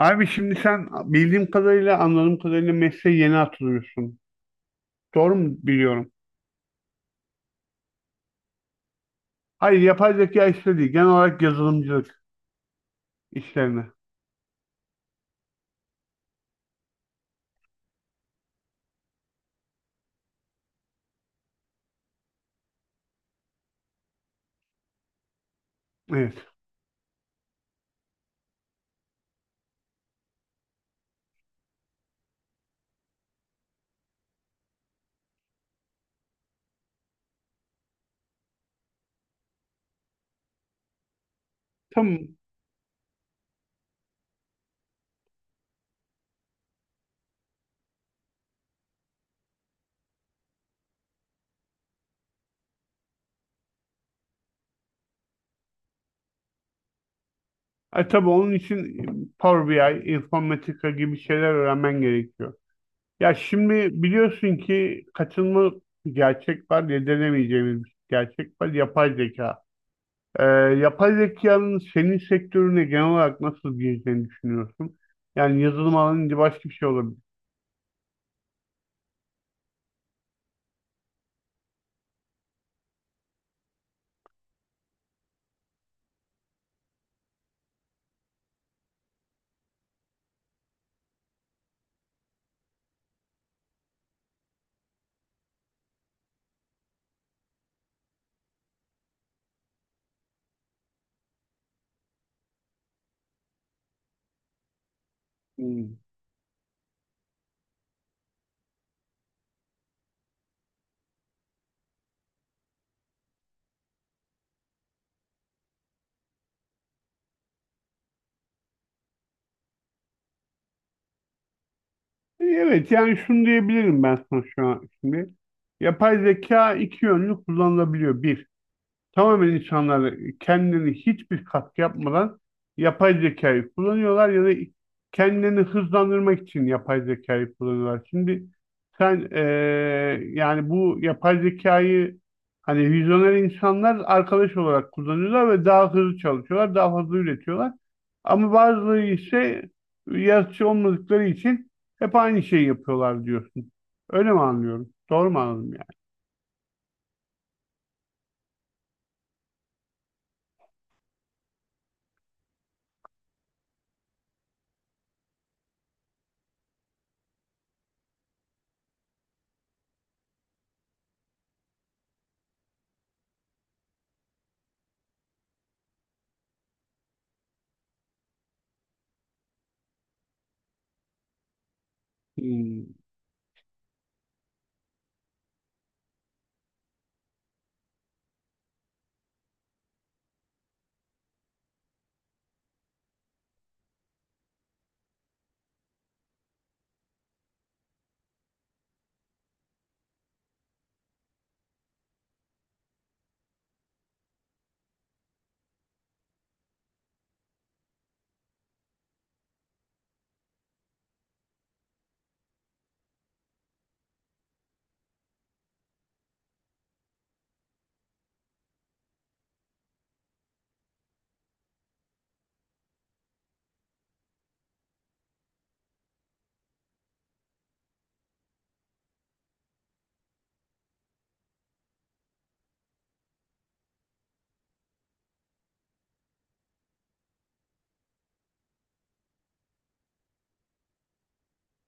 Abi şimdi sen bildiğim kadarıyla, anladığım kadarıyla mesleğe yeni atılıyorsun. Doğru mu biliyorum? Hayır, yapay zeka işleri değil. Genel olarak yazılımcılık işlerine. Evet. Tamam. E tabii onun için Power BI, Informatica gibi şeyler öğrenmen gerekiyor. Ya şimdi biliyorsun ki kaçınılmaz bir gerçek var, yedilemeyeceğimiz bir gerçek var. Yapay zeka. Ee, Yapay zekanın senin sektörüne genel olarak nasıl gireceğini düşünüyorsun? Yani yazılım alanında başka bir şey olabilir. Hmm. Evet yani şunu diyebilirim ben sana şu an şimdi. Yapay zeka iki yönlü kullanılabiliyor. Bir, tamamen insanlar kendileri hiçbir katkı yapmadan yapay zekayı kullanıyorlar ya da kendilerini hızlandırmak için yapay zekayı kullanıyorlar. Şimdi sen yani bu yapay zekayı hani vizyoner insanlar arkadaş olarak kullanıyorlar ve daha hızlı çalışıyorlar, daha fazla üretiyorlar. Ama bazıları ise yaratıcı olmadıkları için hep aynı şeyi yapıyorlar diyorsun. Öyle mi anlıyorum? Doğru mu anladım yani? Hmm.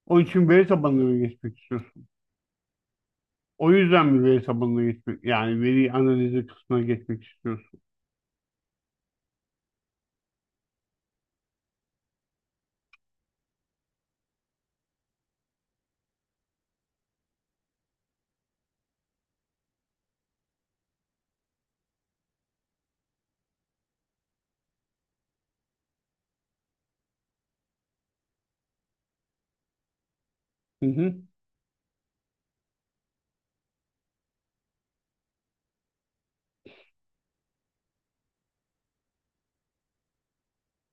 Onun için veri tabanına mı geçmek istiyorsun? O yüzden mi veri tabanına geçmek, yani veri analizi kısmına geçmek istiyorsun? Hı hı.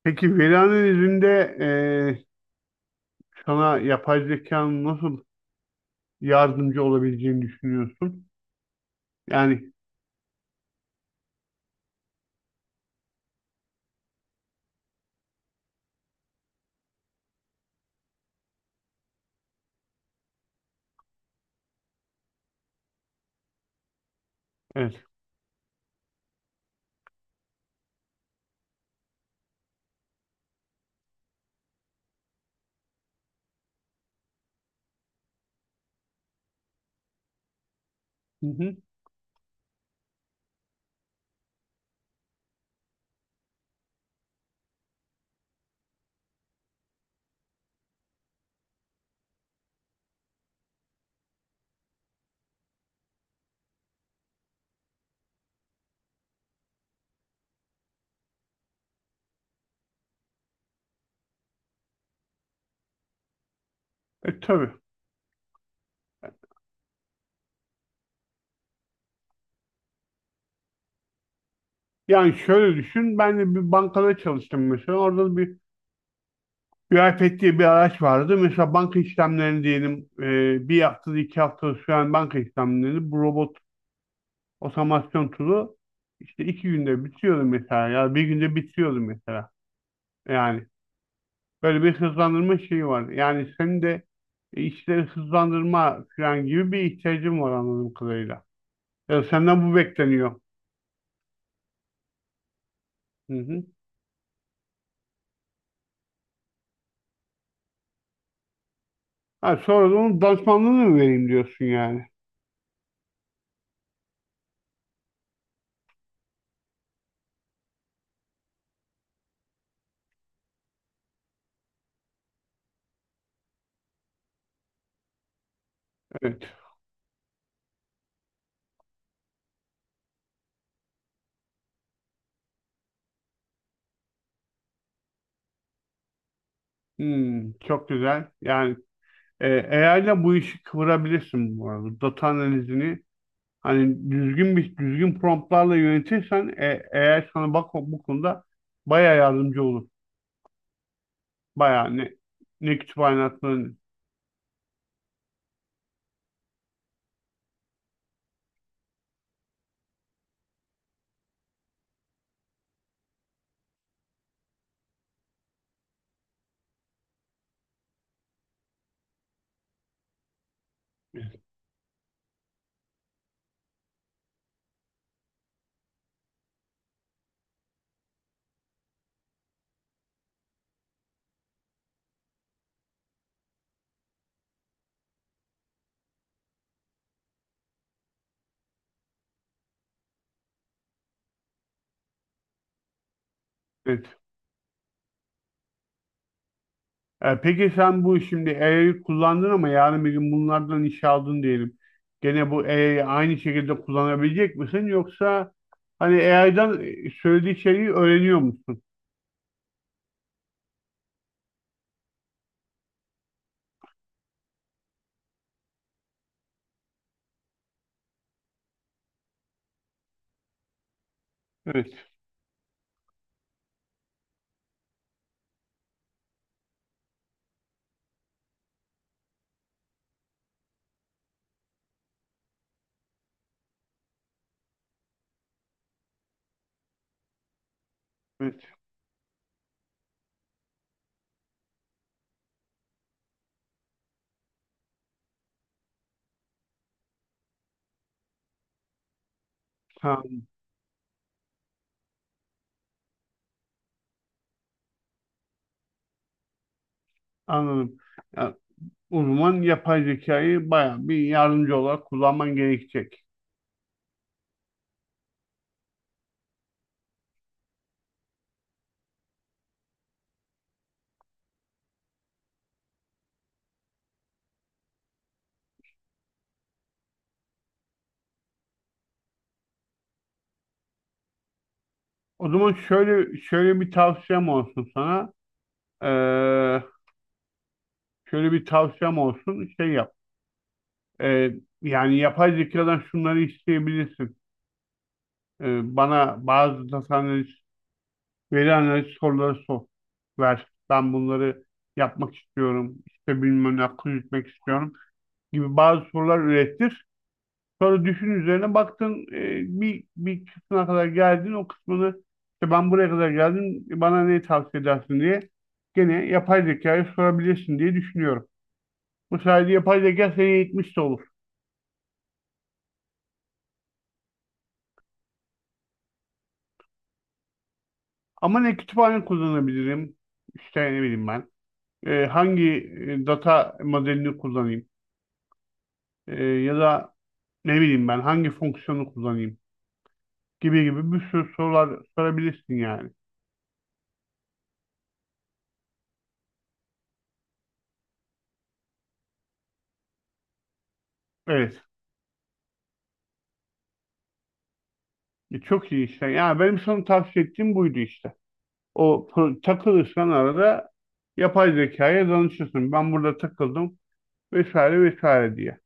Peki veri analizinde sana yapay zekanın nasıl yardımcı olabileceğini düşünüyorsun? Yani evet. Hı hı. E, tabii. Yani şöyle düşün, ben de bir bankada çalıştım mesela. Orada bir UiPath diye bir araç vardı. Mesela banka işlemlerini diyelim bir haftada iki haftada süren banka işlemlerini bu robot otomasyon tool'u işte iki günde bitiriyordu mesela ya bir günde bitiriyordu mesela. Yani böyle bir hızlandırma şeyi var. Yani senin de işleri hızlandırma falan gibi bir ihtiyacın var anladığım kadarıyla. Ya senden bu bekleniyor. Hı hı. Ha, sonra da onun danışmanlığını mı vereyim diyorsun yani. Evet. Hmm, çok güzel. Yani AI ile bu işi kıvırabilirsin bu arada. Data analizini hani düzgün promptlarla yönetirsen AI sana bak bu konuda bayağı yardımcı olur. Bayağı ne, ne kütüphane atmanın- Evet. E, peki sen bu şimdi AI'yi kullandın ama yarın bir gün bunlardan iş aldın diyelim. Gene bu AI'yi aynı şekilde kullanabilecek misin yoksa hani AI'dan söylediği şeyi öğreniyor musun? Evet, evet. Tamam, anladım. Ya, o zaman yapay zekayı bayağı bir yardımcı olarak kullanman gerekecek. O zaman şöyle bir tavsiyem olsun sana. Ee, Şöyle bir tavsiyem olsun. Şey yap. Ee, Yani yapay zekadan şunları isteyebilirsin. Bana bazı data analiz, veri analiz soruları sor, ver. Ben bunları yapmak istiyorum. İşte bilmem ne akıl yürütmek istiyorum gibi bazı sorular ürettir. Sonra düşün üzerine baktın bir kısmına kadar geldin o kısmını işte ben buraya kadar geldim bana ne tavsiye edersin diye gene yapay zekaya sorabilirsin diye düşünüyorum. Bu sayede yapay zeka seni eğitmiş de olur. Ama ne kütüphane kullanabilirim işte ne bileyim ben hangi data modelini kullanayım. E, Ya da ne bileyim ben hangi fonksiyonu kullanayım gibi gibi bir sürü sorular sorabilirsin yani. Evet. E, çok iyi işte. Yani benim sana tavsiye ettiğim buydu işte. O pro- takılırsan arada yapay zekaya danışırsın. Ben burada takıldım vesaire vesaire diye.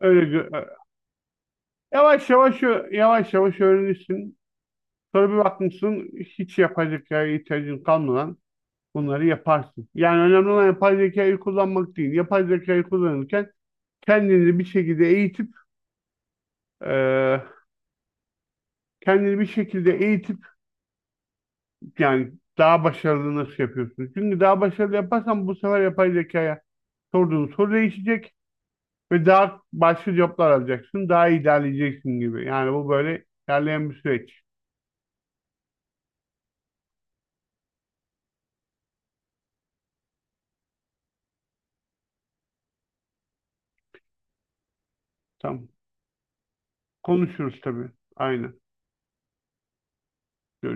Öyle gö- yavaş yavaş ö- yavaş yavaş öğrenirsin. Sonra bir bakmışsın hiç yapay zekaya ihtiyacın kalmadan bunları yaparsın. Yani önemli olan yapay zekayı kullanmak değil. Yapay zekayı kullanırken kendini bir şekilde eğitip e, kendini bir şekilde eğitip yani daha başarılı nasıl yapıyorsun? Çünkü daha başarılı yaparsan bu sefer yapay zekaya sorduğun soru değişecek ve daha başka cevaplar alacaksın. Daha iyi ilerleyeceksin gibi. Yani bu böyle ilerleyen bir süreç. Tamam. Konuşuruz tabii. Aynen. Görüşürüz.